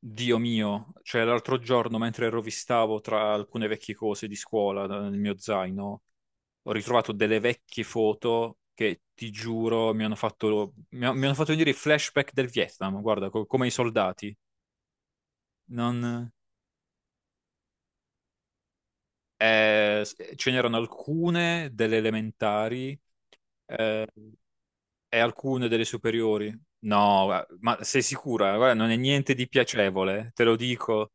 Dio mio, cioè l'altro giorno mentre rovistavo tra alcune vecchie cose di scuola nel mio zaino, ho ritrovato delle vecchie foto che ti giuro mi hanno fatto, mi hanno fatto venire i flashback del Vietnam, guarda, come i soldati. Non. Ce n'erano alcune delle elementari eh, e alcune delle superiori. No, ma sei sicura? Guarda, non è niente di piacevole, te lo dico.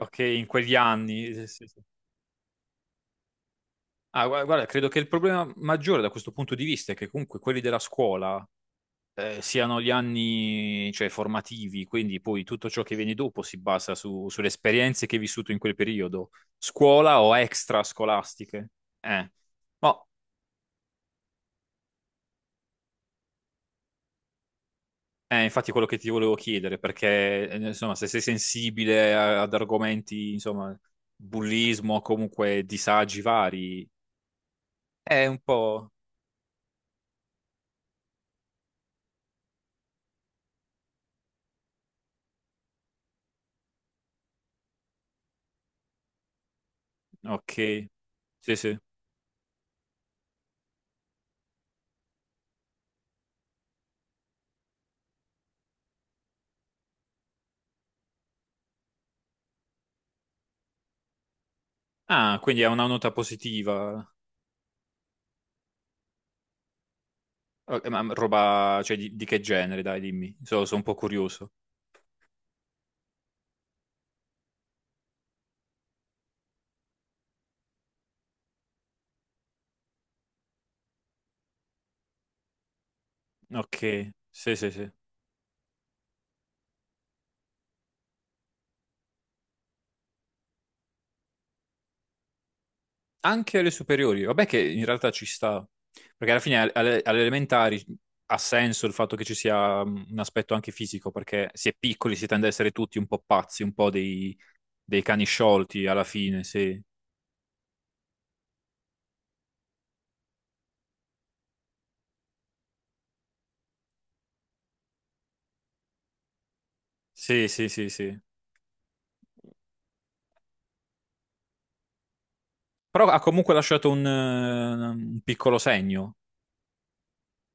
Ok, in quegli anni. Sì, sì. Ah, guarda, credo che il problema maggiore da questo punto di vista è che comunque quelli della scuola siano gli anni, cioè, formativi, quindi poi tutto ciò che viene dopo si basa sulle esperienze che hai vissuto in quel periodo, scuola o extra scolastiche. Eh. No, è infatti quello che ti volevo chiedere, perché insomma, se sei sensibile ad argomenti, insomma, bullismo, comunque disagi vari, è un po'. Ok, sì, sì. Ah, quindi è una nota positiva. Ok, ma roba, cioè, di che genere, dai, dimmi. Sono un po' curioso. Ok, sì, sì, sì. Anche alle superiori, vabbè che in realtà ci sta, perché alla fine alle elementari ha senso il fatto che ci sia un aspetto anche fisico, perché si è piccoli si tende a essere tutti un po' pazzi, un po' dei cani sciolti alla fine, sì. Sì, sì, sì, sì. Però ha comunque lasciato un piccolo segno,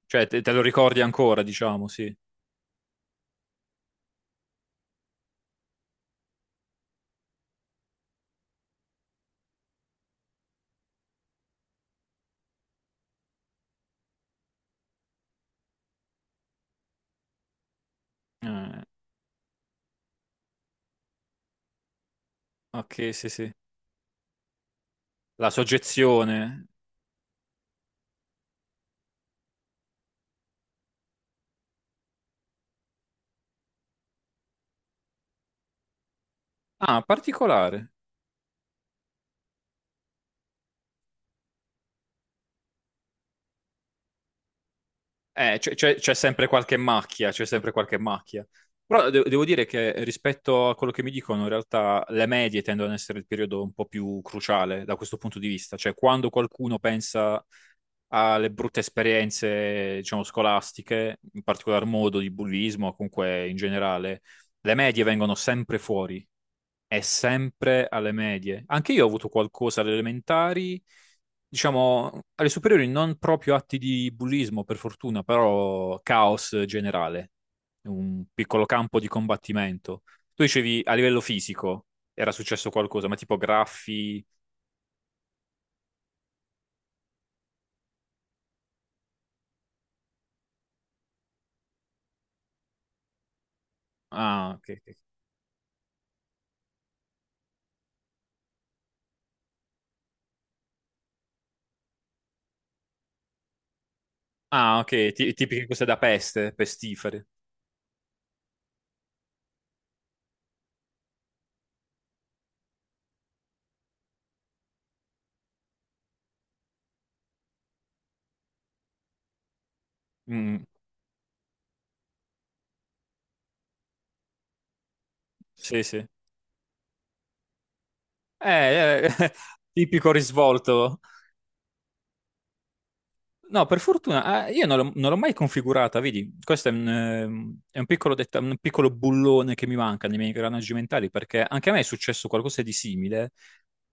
cioè te lo ricordi ancora, diciamo, sì. Eh, ok, sì, sì. La soggezione. Ah, particolare. C'è sempre qualche macchia, c'è sempre qualche macchia. Però devo dire che rispetto a quello che mi dicono, in realtà le medie tendono ad essere il periodo un po' più cruciale da questo punto di vista. Cioè, quando qualcuno pensa alle brutte esperienze, diciamo, scolastiche, in particolar modo di bullismo, o comunque in generale, le medie vengono sempre fuori. È sempre alle medie. Anche io ho avuto qualcosa alle elementari, diciamo, alle superiori non proprio atti di bullismo, per fortuna, però caos generale, un piccolo campo di combattimento. Tu dicevi a livello fisico era successo qualcosa, ma tipo graffi. Ah, ok. Ok. Ah, ok, tipiche cose da peste, pestifere. Mm, sì, sì. Eh, eh, tipico risvolto. No, per fortuna, ah, io non l'ho mai configurata, vedi, questo è è un piccolo bullone che mi manca nei miei ingranaggi mentali, perché anche a me è successo qualcosa di simile,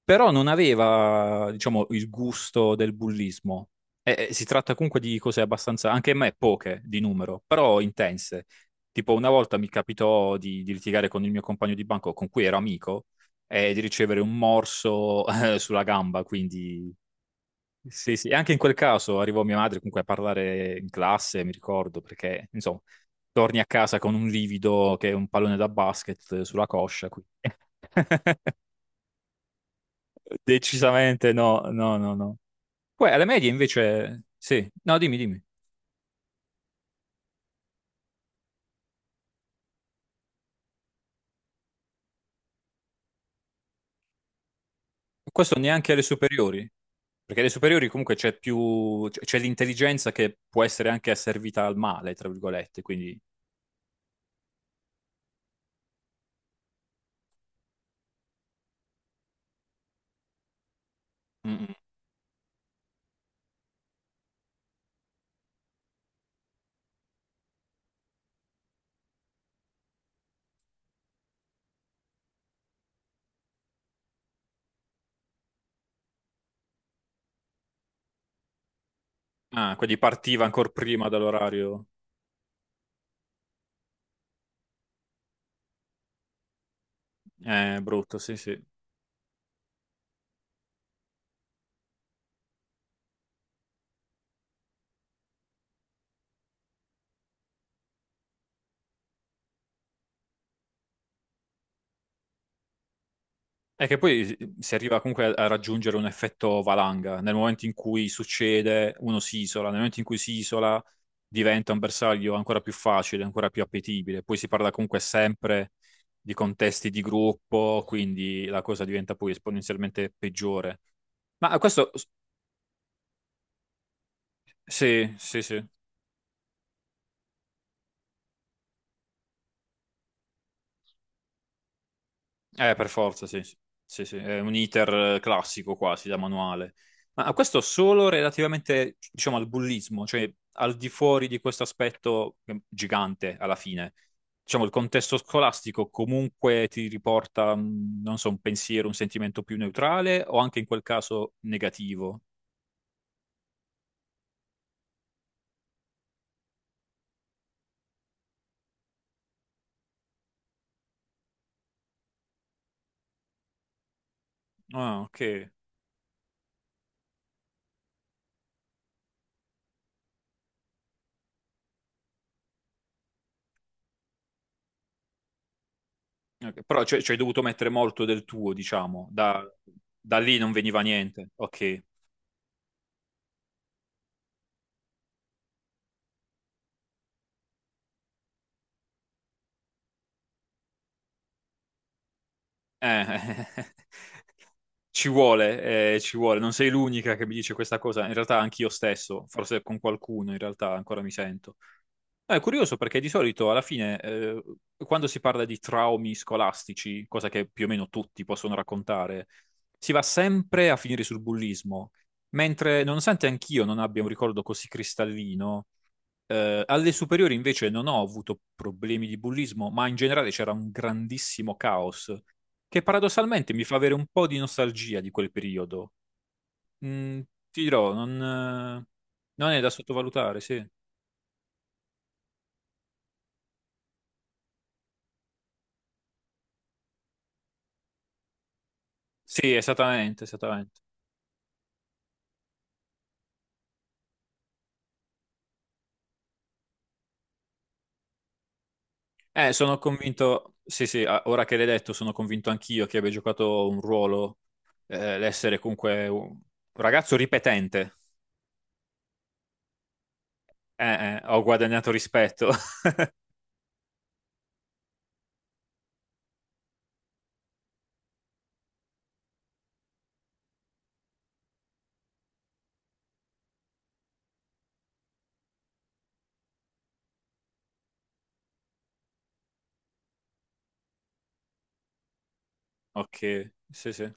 però non aveva, diciamo, il gusto del bullismo. E si tratta comunque di cose abbastanza, anche a me poche di numero, però intense. Tipo una volta mi capitò di litigare con il mio compagno di banco, con cui ero amico, e di ricevere un morso, sulla gamba, quindi. Sì, sì, e anche in quel caso arrivò mia madre comunque a parlare in classe, mi ricordo, perché insomma, torni a casa con un livido che è un pallone da basket sulla coscia, quindi decisamente no, no, no, no. Poi alle medie invece, sì, no, dimmi, dimmi. Questo neanche alle superiori, perché alle superiori comunque c'è più, c'è l'intelligenza che può essere anche asservita al male, tra virgolette, quindi. Mm, mm. Ah, quindi partiva ancora prima dall'orario. Brutto, sì, sì. È che poi si arriva comunque a raggiungere un effetto valanga. Nel momento in cui succede, uno si isola, nel momento in cui si isola diventa un bersaglio ancora più facile, ancora più appetibile. Poi si parla comunque sempre di contesti di gruppo, quindi la cosa diventa poi esponenzialmente peggiore. Ma questo, sì, sì, sì. Per forza, sì, sì, sì, sì, è un iter classico quasi da manuale. Ma questo solo relativamente, diciamo, al bullismo, cioè al di fuori di questo aspetto gigante alla fine. Diciamo, il contesto scolastico comunque ti riporta, non so, un pensiero, un sentimento più neutrale o anche in quel caso negativo. Ah, ok. Ok. Però cioè, ci hai dovuto mettere molto del tuo, diciamo, da lì non veniva niente. Ok. Ci vuole, non sei l'unica che mi dice questa cosa, in realtà anch'io stesso, forse con qualcuno in realtà ancora mi sento. No, è curioso perché di solito alla fine, quando si parla di traumi scolastici, cosa che più o meno tutti possono raccontare, si va sempre a finire sul bullismo, mentre nonostante anch'io non abbia un ricordo così cristallino, alle superiori invece non ho avuto problemi di bullismo, ma in generale c'era un grandissimo caos che paradossalmente mi fa avere un po' di nostalgia di quel periodo. Mm, ti dirò, non è da sottovalutare, sì. Sì, esattamente, esattamente. Sono convinto, sì, sì, ora che l'hai detto, sono convinto anch'io che abbia giocato un ruolo, l'essere comunque un ragazzo ripetente. Eh, eh, ho guadagnato rispetto. Ok, sì, sì.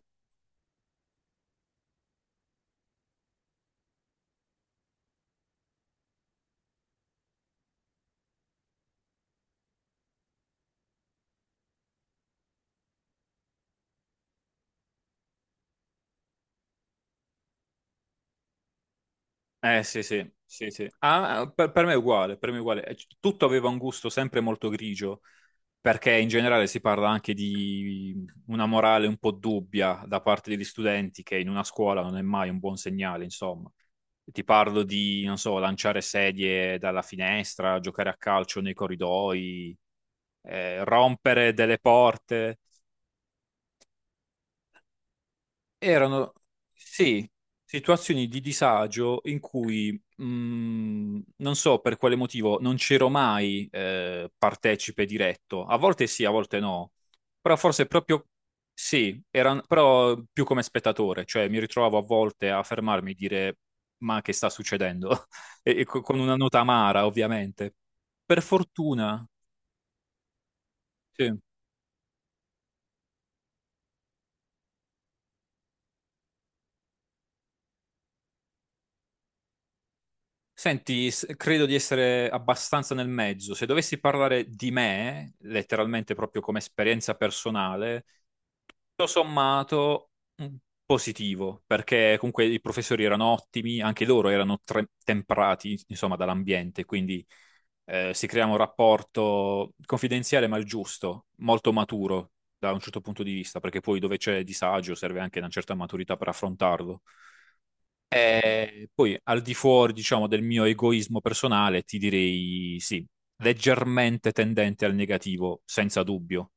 Eh sì, sì, sì, sì. Ah, per me è uguale, per me è uguale. Tutto aveva un gusto sempre molto grigio, perché in generale si parla anche di una morale un po' dubbia da parte degli studenti, che in una scuola non è mai un buon segnale, insomma. Ti parlo di, non so, lanciare sedie dalla finestra, giocare a calcio nei corridoi, rompere delle porte. Erano, sì, situazioni di disagio in cui, mh, non so per quale motivo, non c'ero mai partecipe diretto. A volte sì, a volte no. Però forse proprio sì, era, però più come spettatore, cioè mi ritrovavo a volte a fermarmi e dire ma che sta succedendo? E con una nota amara, ovviamente. Per fortuna, sì. Senti, credo di essere abbastanza nel mezzo. Se dovessi parlare di me, letteralmente proprio come esperienza personale, tutto sommato mm, positivo, perché comunque i professori erano ottimi, anche loro erano temprati, insomma, dall'ambiente, quindi si crea un rapporto confidenziale ma il giusto, molto maturo da un certo punto di vista, perché poi dove c'è disagio serve anche una certa maturità per affrontarlo. E poi al di fuori, diciamo, del mio egoismo personale, ti direi sì, leggermente tendente al negativo, senza dubbio.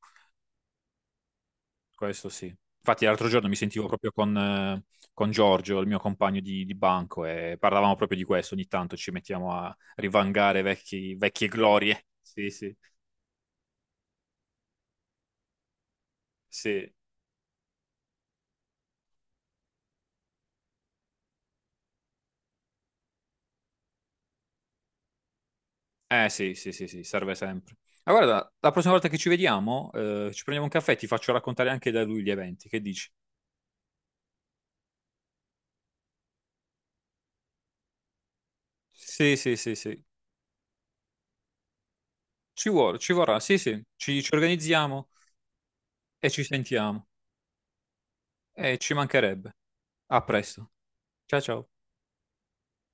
Questo sì. Infatti, l'altro giorno mi sentivo proprio con Giorgio, il mio compagno di banco, e parlavamo proprio di questo. Ogni tanto ci mettiamo a rivangare vecchie glorie. Sì, sì, sì. Eh sì, sì, sì, sì, serve sempre. Ma guarda, la prossima volta che ci vediamo, ci prendiamo un caffè e ti faccio raccontare anche da lui gli eventi. Che dici? Sì, sì, sì, sì. Ci vuole, ci vorrà, sì, sì, ci organizziamo e ci sentiamo. E ci mancherebbe. A presto. Ciao ciao.